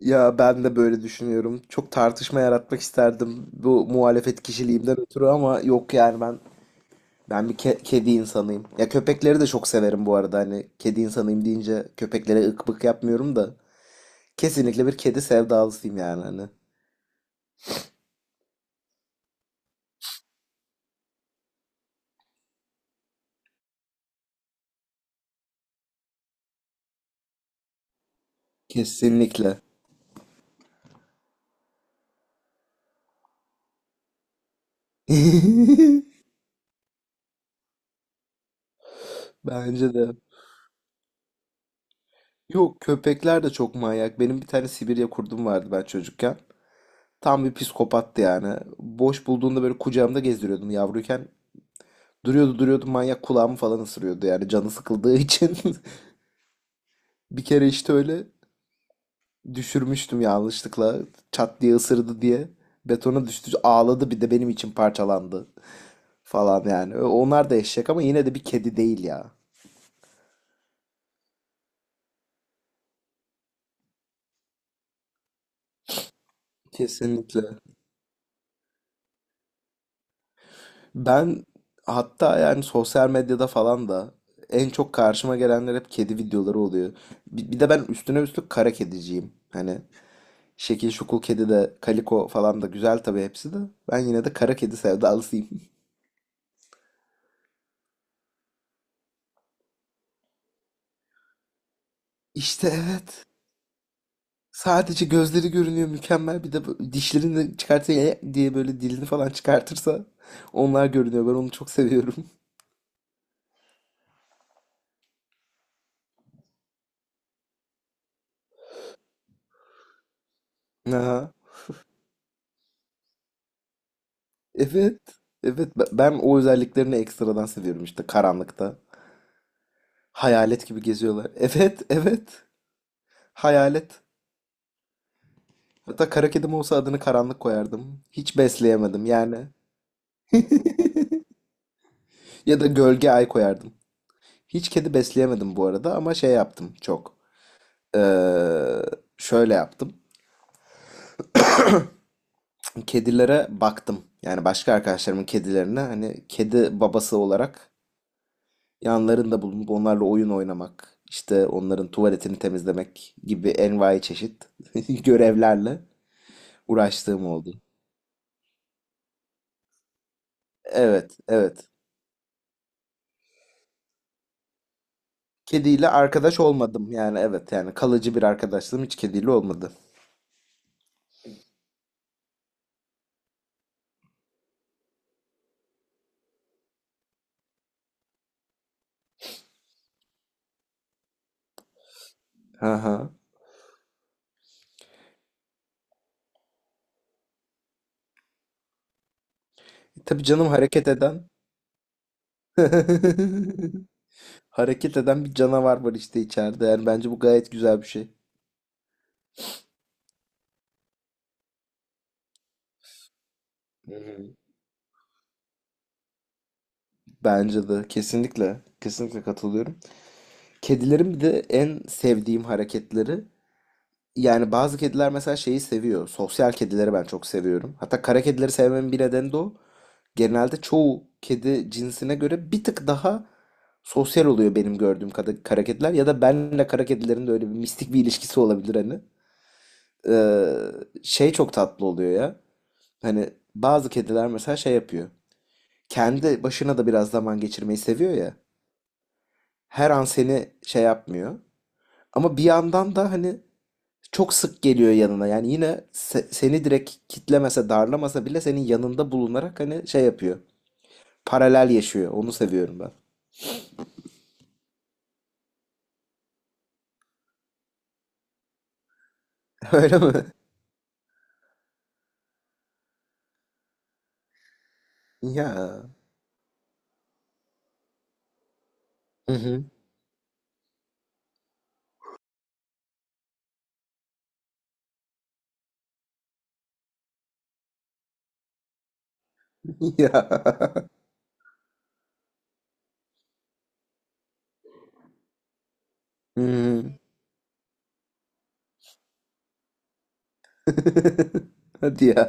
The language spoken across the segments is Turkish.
Ya ben de böyle düşünüyorum. Çok tartışma yaratmak isterdim bu muhalefet kişiliğimden ötürü ama yok yani ben bir kedi insanıyım. Ya köpekleri de çok severim bu arada hani kedi insanıyım deyince köpeklere ık bık yapmıyorum da kesinlikle bir kedi sevdalısıyım yani hani. Kesinlikle. Bence de. Yok köpekler de çok manyak. Benim bir tane Sibirya kurdum vardı ben çocukken. Tam bir psikopattı yani. Boş bulduğunda böyle kucağımda gezdiriyordum yavruyken. Duruyordu duruyordu manyak kulağımı falan ısırıyordu yani canı sıkıldığı için. Bir kere işte öyle düşürmüştüm yanlışlıkla çat diye ısırdı diye. Betona düştü ağladı bir de benim için parçalandı falan yani. Onlar da eşek ama yine de bir kedi değil ya. Kesinlikle. Ben hatta yani sosyal medyada falan da en çok karşıma gelenler hep kedi videoları oluyor. Bir de ben üstüne üstlük kara kediciyim. Hani şekil şukul kedi de kaliko falan da güzel tabii hepsi de. Ben yine de kara kedi sevdalısıyım. İşte evet. Sadece gözleri görünüyor mükemmel. Bir de dişlerini de çıkartsa "E" diye böyle dilini falan çıkartırsa onlar görünüyor. Ben onu çok seviyorum. Aha. Evet. Evet ben o özelliklerini ekstradan seviyorum işte karanlıkta. Hayalet gibi geziyorlar. Evet, evet. Hayalet. Hatta kara kedim olsa adını karanlık koyardım. Hiç besleyemedim yani. Ya da gölge ay koyardım. Hiç kedi besleyemedim bu arada ama şey yaptım çok. Ee, Şöyle yaptım. Kedilere baktım. Yani başka arkadaşlarımın kedilerine hani kedi babası olarak yanlarında bulunup onlarla oyun oynamak, işte onların tuvaletini temizlemek gibi envai çeşit görevlerle uğraştığım oldu. Evet, evet. Kediyle arkadaş olmadım yani evet yani kalıcı bir arkadaşlığım hiç kediyle olmadı. Aha. Tabii canım hareket eden. Hareket eden bir canavar var işte içeride. Yani bence bu gayet güzel bir şey. Hı hı. Bence de kesinlikle kesinlikle katılıyorum. Kedilerin bir de en sevdiğim hareketleri yani bazı kediler mesela şeyi seviyor. Sosyal kedileri ben çok seviyorum. Hatta kara kedileri sevmemin bir nedeni de o. Genelde çoğu kedi cinsine göre bir tık daha sosyal oluyor benim gördüğüm kadar kara kediler ya da benle kara kedilerin de öyle bir mistik bir ilişkisi olabilir hani. Ee, Şey çok tatlı oluyor ya. Hani bazı kediler mesela şey yapıyor. Kendi başına da biraz zaman geçirmeyi seviyor ya. Her an seni şey yapmıyor. Ama bir yandan da hani çok sık geliyor yanına. Yani yine seni direkt kitlemese, darlamasa bile senin yanında bulunarak hani şey yapıyor. Paralel yaşıyor. Onu seviyorum ben. Öyle mi? Ya. Hı hı. Ya. Hı hı. Hadi ya.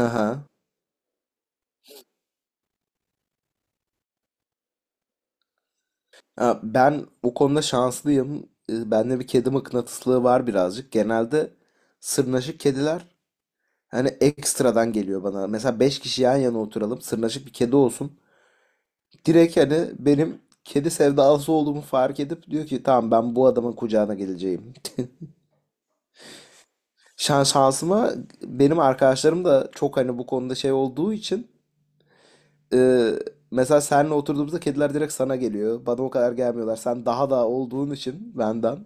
Aha. Ha, ben bu konuda şanslıyım. Bende bir kedi mıknatıslığı var birazcık. Genelde sırnaşık kediler hani ekstradan geliyor bana. Mesela 5 kişi yan yana oturalım. Sırnaşık bir kedi olsun. Direkt hani benim kedi sevdalısı olduğumu fark edip diyor ki tamam ben bu adamın kucağına geleceğim. Şan şansıma benim arkadaşlarım da çok hani bu konuda şey olduğu için e, mesela seninle oturduğumuzda kediler direkt sana geliyor. Bana o kadar gelmiyorlar. Sen daha da olduğun için benden.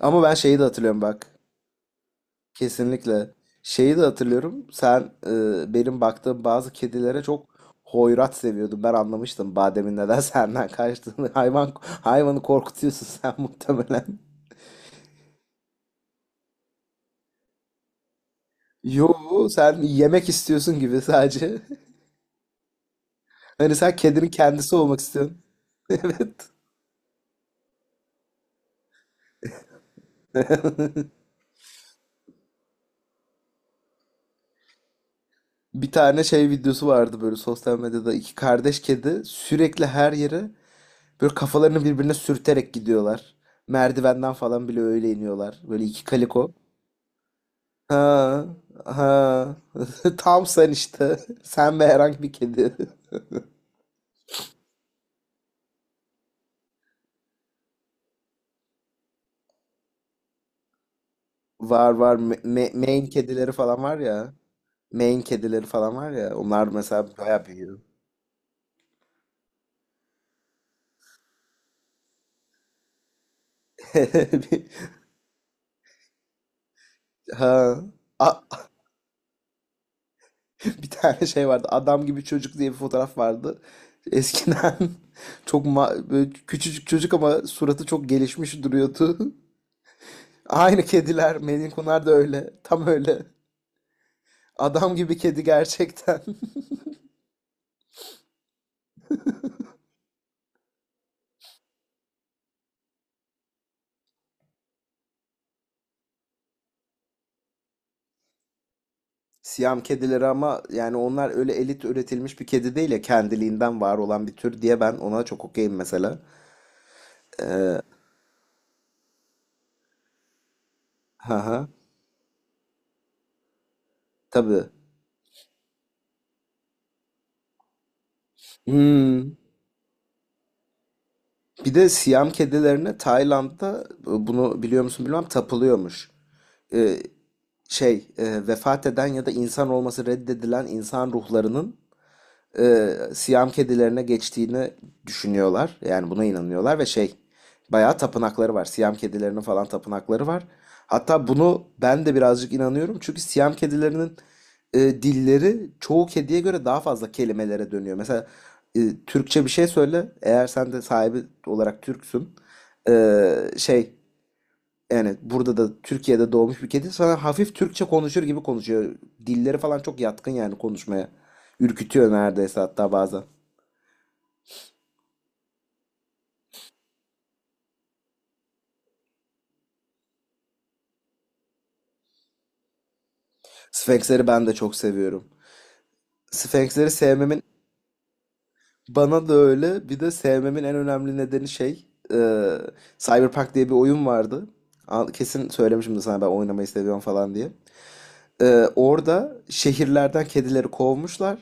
Ama ben şeyi de hatırlıyorum bak. Kesinlikle. Şeyi de hatırlıyorum. Sen benim baktığım bazı kedilere çok hoyrat seviyordun. Ben anlamıştım bademin neden senden kaçtığını. Hayvan hayvanı korkutuyorsun sen muhtemelen. Yo, sen yemek istiyorsun gibi sadece. Hani sen kedinin kendisi olmak istiyorsun. Evet. Bir tane şey videosu vardı böyle sosyal medyada iki kardeş kedi sürekli her yere böyle kafalarını birbirine sürterek gidiyorlar. Merdivenden falan bile öyle iniyorlar. Böyle iki kaliko. Ha, ha. Tam sen işte. Sen ve herhangi bir kedi. Var, var. Maine kedileri falan var ya. Maine kedileri falan var ya. Onlar mesela bayağı büyüyor. Bir- Ha. A- bir tane şey vardı. Adam gibi çocuk diye bir fotoğraf vardı. Eskiden çok böyle küçücük çocuk ama suratı çok gelişmiş duruyordu. Aynı kediler. Melin Kunar da öyle. Tam öyle. Adam gibi kedi gerçekten. Siyam kedileri ama yani onlar öyle elit üretilmiş bir kedi değil ya kendiliğinden var olan bir tür diye ben ona çok okeyim mesela. Ee, haha. Tabii. Hmm. Bir de Siyam kedilerine Tayland'da bunu biliyor musun bilmem tapılıyormuş. Ee, vefat eden ya da insan olması reddedilen insan ruhlarının Siyam kedilerine geçtiğini düşünüyorlar. Yani buna inanıyorlar ve şey bayağı tapınakları var. Siyam kedilerinin falan tapınakları var. Hatta bunu ben de birazcık inanıyorum. Çünkü Siyam kedilerinin dilleri çoğu kediye göre daha fazla kelimelere dönüyor. Mesela e, Türkçe bir şey söyle. Eğer sen de sahibi olarak Türksün. e, şey Evet, burada da Türkiye'de doğmuş bir kedi. Sana hafif Türkçe konuşur gibi konuşuyor. Dilleri falan çok yatkın yani konuşmaya. Ürkütüyor neredeyse hatta bazen. Sfenksleri ben de çok seviyorum. Sfenksleri sevmemin bana da öyle. Bir de sevmemin en önemli nedeni şey, e, Cyberpunk diye bir oyun vardı. Kesin söylemişim de sana ben oynamayı seviyorum falan diye. E, orada şehirlerden kedileri kovmuşlar.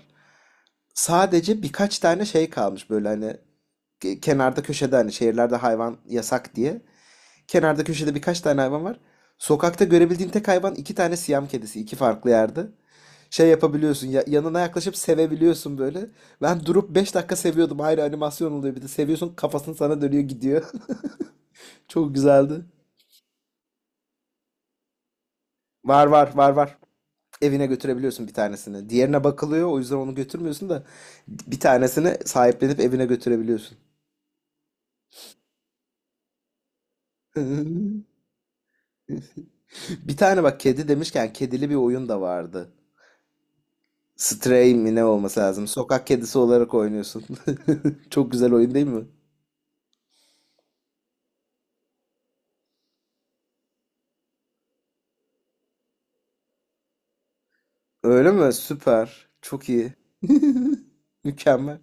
Sadece birkaç tane şey kalmış böyle hani kenarda köşede hani şehirlerde hayvan yasak diye. Kenarda köşede birkaç tane hayvan var. Sokakta görebildiğin tek hayvan iki tane Siyam kedisi iki farklı yerde. Şey yapabiliyorsun ya, yanına yaklaşıp sevebiliyorsun böyle. Ben durup 5 dakika seviyordum. Ayrı animasyon oluyor bir de. Seviyorsun kafasını sana dönüyor gidiyor. Çok güzeldi. Var var var var. Evine götürebiliyorsun bir tanesini. Diğerine bakılıyor o yüzden onu götürmüyorsun da bir tanesini sahiplenip evine götürebiliyorsun. Bir tane bak kedi demişken kedili bir oyun da vardı. Stray mi ne olması lazım? Sokak kedisi olarak oynuyorsun. Çok güzel oyun değil mi? Öyle mi? Süper. Çok iyi. Mükemmel.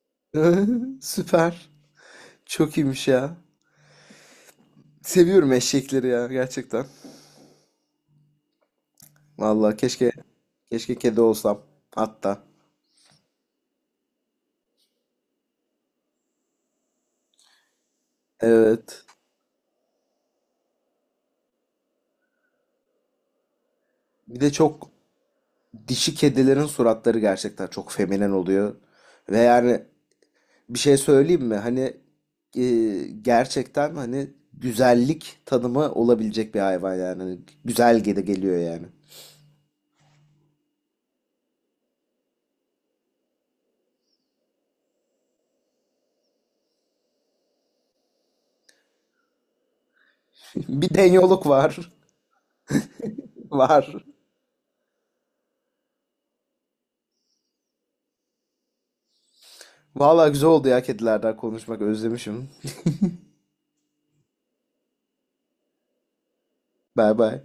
Süper. Çok iyiymiş ya. Seviyorum eşekleri ya gerçekten. Vallahi keşke keşke kedi olsam hatta. Evet. Bir de çok dişi kedilerin suratları gerçekten çok feminen oluyor. Ve yani bir şey söyleyeyim mi? Hani e, gerçekten hani güzellik tanımı olabilecek bir hayvan yani. Hani güzel geliyor yani. Bir denyoluk var. Var. Vallahi güzel oldu ya kedilerden konuşmak özlemişim. Bay bay.